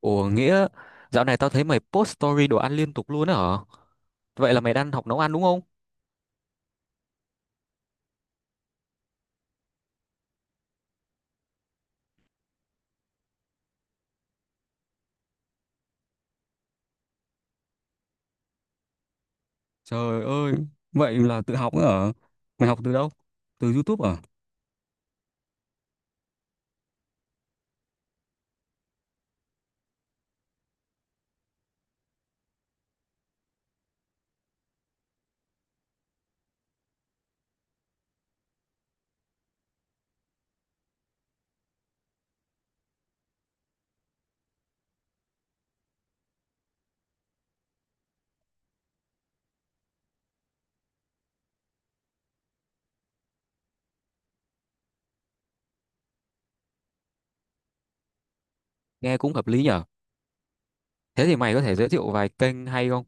Ủa nghĩa dạo này tao thấy mày post story đồ ăn liên tục luôn á hả? Vậy là mày đang học nấu ăn đúng không? Trời ơi, vậy là tự học nữa hả? Mày học từ đâu? Từ YouTube à? Nghe cũng hợp lý nhở. Thế thì mày có thể giới thiệu vài kênh hay không?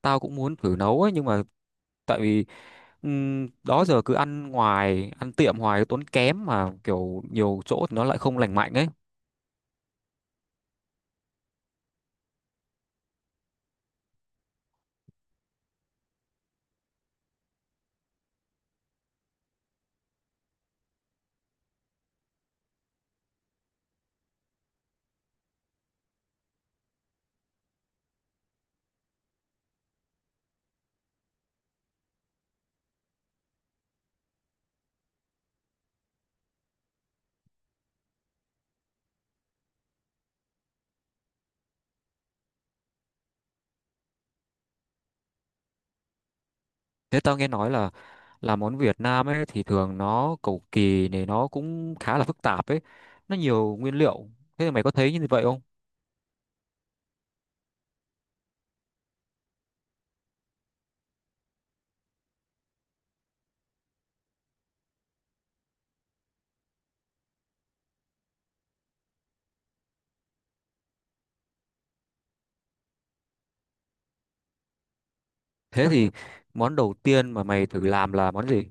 Tao cũng muốn thử nấu ấy nhưng mà tại vì đó giờ cứ ăn ngoài, ăn tiệm hoài tốn kém mà kiểu nhiều chỗ thì nó lại không lành mạnh ấy. Thế tao nghe nói là món Việt Nam ấy thì thường nó cầu kỳ này nó cũng khá là phức tạp ấy, nó nhiều nguyên liệu. Thế thì mày có thấy như vậy không? Thế thì món đầu tiên mà mày thử làm là món gì?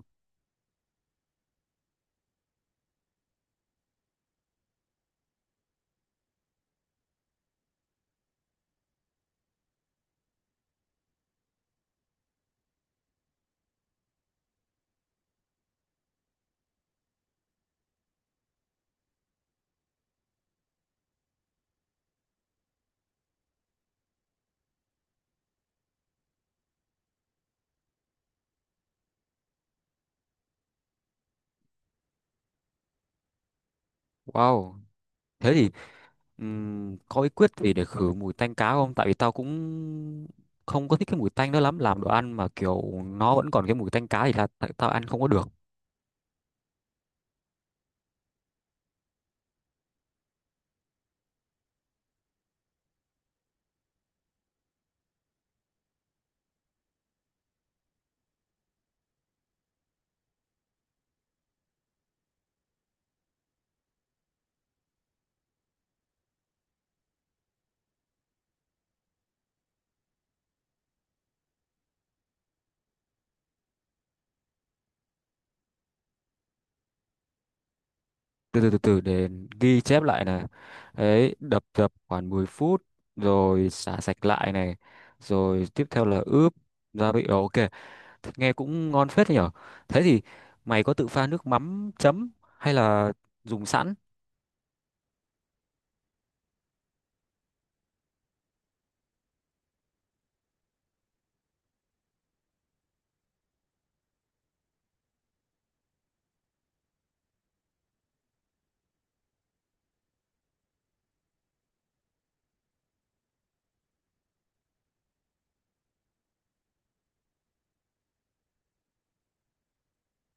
Wow. Thế thì có bí quyết gì để khử mùi tanh cá không? Tại vì tao cũng không có thích cái mùi tanh đó lắm, làm đồ ăn mà kiểu nó vẫn còn cái mùi tanh cá thì là tại tao ăn không có được. Từ từ từ từ, để ghi chép lại này, đấy, đập dập khoảng 10 phút, rồi xả sạch lại này, rồi tiếp theo là ướp gia vị. Ồ, ok. Thế nghe cũng ngon phết đấy nhở. Thế thì mày có tự pha nước mắm chấm hay là dùng sẵn?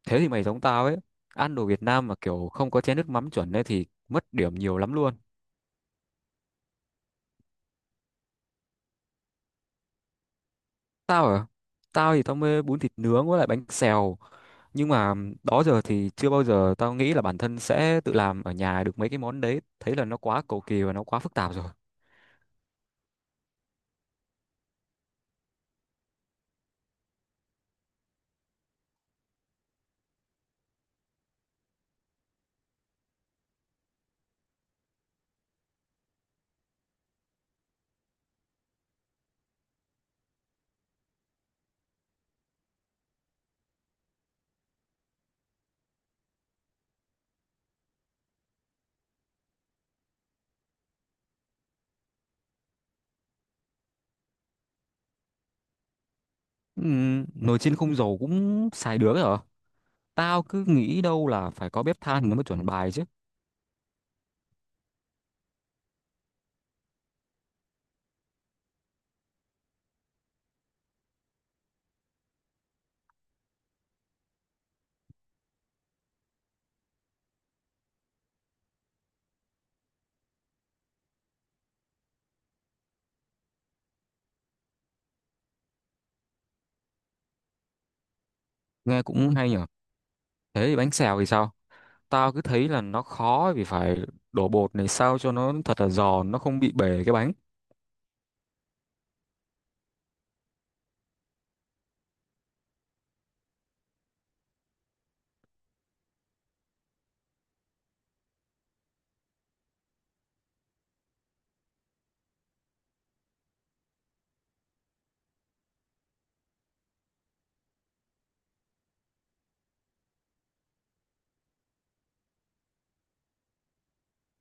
Thế thì mày giống tao ấy, ăn đồ Việt Nam mà kiểu không có chén nước mắm chuẩn ấy thì mất điểm nhiều lắm luôn. Tao à? Tao thì tao mê bún thịt nướng với lại bánh xèo. Nhưng mà đó giờ thì chưa bao giờ tao nghĩ là bản thân sẽ tự làm ở nhà được mấy cái món đấy. Thấy là nó quá cầu kỳ và nó quá phức tạp rồi. Nồi chiên không dầu cũng xài được ấy hả? Tao cứ nghĩ đâu là phải có bếp than nó mới chuẩn bài chứ. Nghe cũng hay nhở. Thế thì bánh xèo thì sao? Tao cứ thấy là nó khó vì phải đổ bột này sao cho nó thật là giòn, nó không bị bể cái bánh.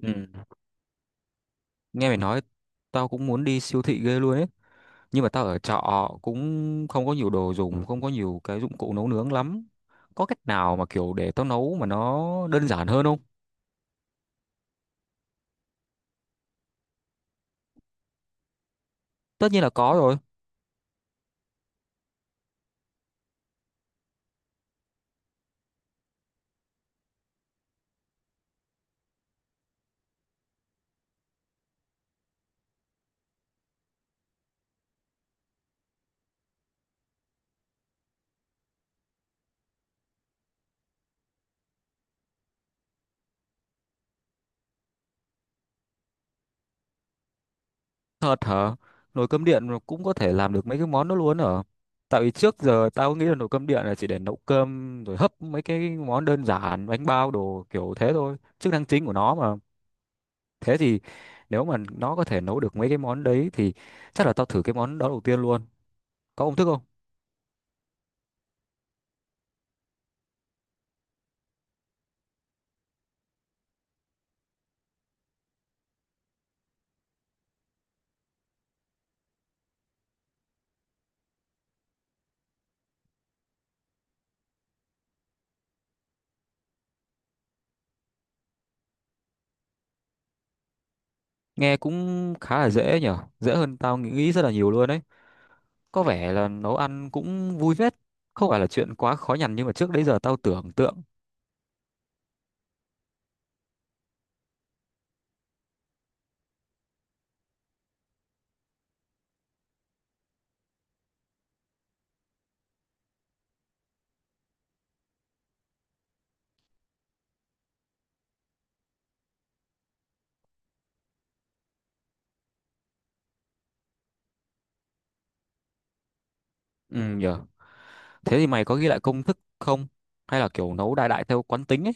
Ừm, Nghe mày nói, tao cũng muốn đi siêu thị ghê luôn ấy. Nhưng mà tao ở trọ cũng không có nhiều đồ dùng, không có nhiều cái dụng cụ nấu nướng lắm. Có cách nào mà kiểu để tao nấu mà nó đơn giản hơn không? Tất nhiên là có rồi. Thật hả? Nồi cơm điện mà cũng có thể làm được mấy cái món đó luôn hả? Tại vì trước giờ tao nghĩ là nồi cơm điện là chỉ để nấu cơm rồi hấp mấy cái món đơn giản, bánh bao đồ kiểu thế thôi, chức năng chính của nó mà. Thế thì nếu mà nó có thể nấu được mấy cái món đấy thì chắc là tao thử cái món đó đầu tiên luôn. Có công thức không? Nghe cũng khá là dễ nhở, dễ hơn tao nghĩ nghĩ rất là nhiều luôn đấy. Có vẻ là nấu ăn cũng vui phết, không phải là chuyện quá khó nhằn nhưng mà trước đấy giờ tao tưởng tượng. Ừ nhở, thế thì mày có ghi lại công thức không? Hay là kiểu nấu đại đại theo quán tính ấy?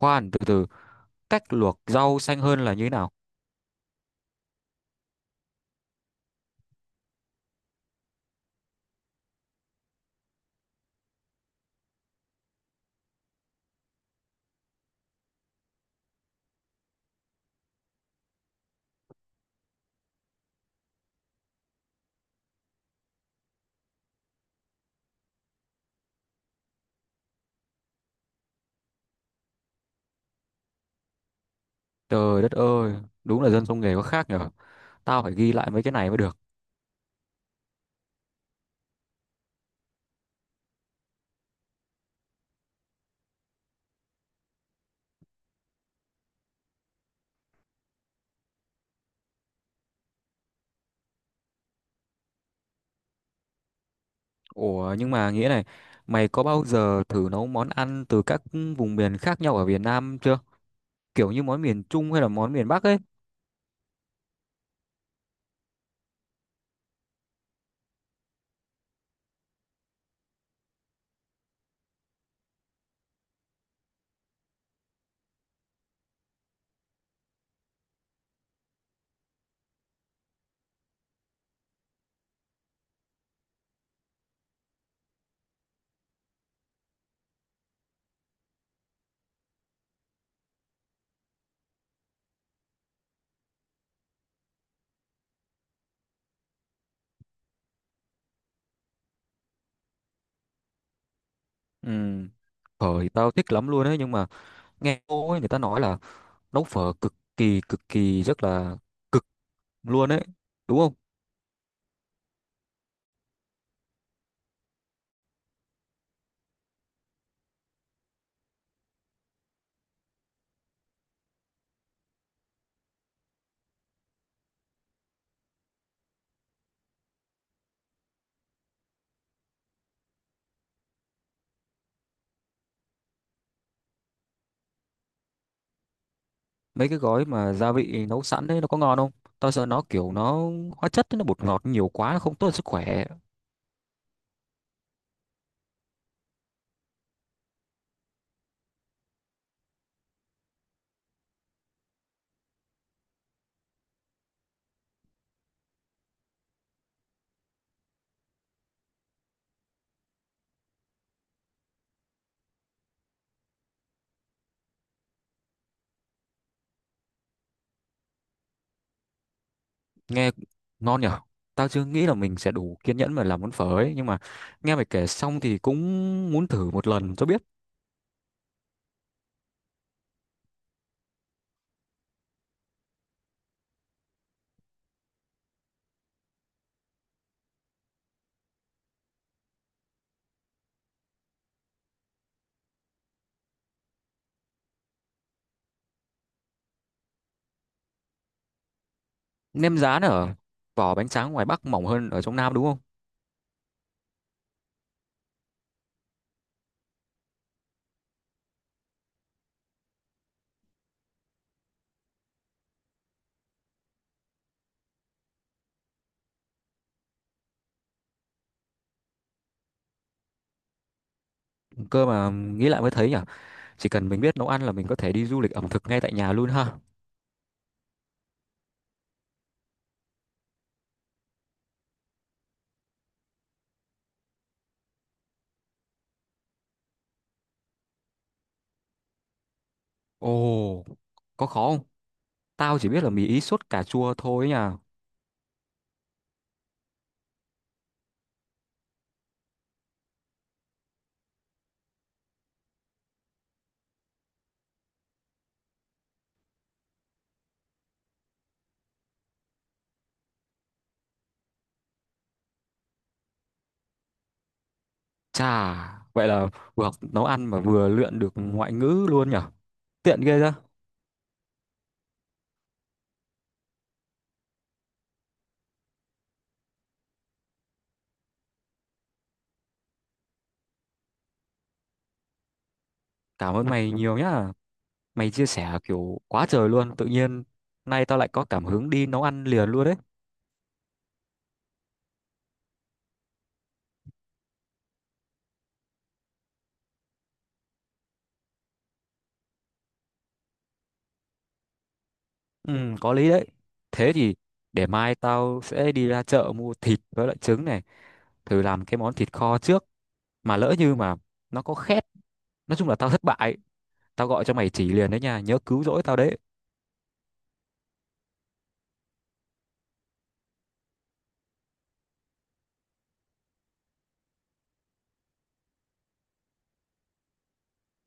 Khoan, từ từ, cách luộc rau xanh hơn là như thế nào? Trời đất ơi, đúng là dân trong nghề có khác nhở. Tao phải ghi lại mấy cái này mới được. Ủa nhưng mà nghĩa này, mày có bao giờ thử nấu món ăn từ các vùng miền khác nhau ở Việt Nam chưa? Kiểu như món miền Trung hay là món miền Bắc ấy? Ừ. Phở thì tao thích lắm luôn ấy, nhưng mà nghe cô ấy người ta nói là nấu phở cực kỳ rất là cực luôn ấy, đúng không? Mấy cái gói mà gia vị nấu sẵn ấy nó có ngon không? Tao sợ nó kiểu nó hóa chất ấy, nó bột ngọt nhiều quá nó không tốt cho sức khỏe. Nghe ngon nhở. Tao chưa nghĩ là mình sẽ đủ kiên nhẫn mà làm món phở ấy, nhưng mà nghe mày kể xong thì cũng muốn thử một lần cho biết. Nem rán ở vỏ bánh tráng ngoài Bắc mỏng hơn ở trong Nam đúng không? Cơ mà nghĩ lại mới thấy nhở, chỉ cần mình biết nấu ăn là mình có thể đi du lịch ẩm thực ngay tại nhà luôn ha. Ồ, có khó không? Tao chỉ biết là mì Ý sốt cà chua thôi nha. Chà, vậy là vừa học nấu ăn mà vừa luyện được ngoại ngữ luôn nhỉ? Tiện ghê ra. Cảm ơn mày nhiều nhá. Mày chia sẻ kiểu quá trời luôn. Tự nhiên nay tao lại có cảm hứng đi nấu ăn liền luôn đấy. Ừ, có lý đấy. Thế thì để mai tao sẽ đi ra chợ mua thịt với lại trứng này. Thử làm cái món thịt kho trước. Mà lỡ như mà nó có khét, nói chung là tao thất bại, tao gọi cho mày chỉ liền đấy nha, nhớ cứu rỗi tao đấy.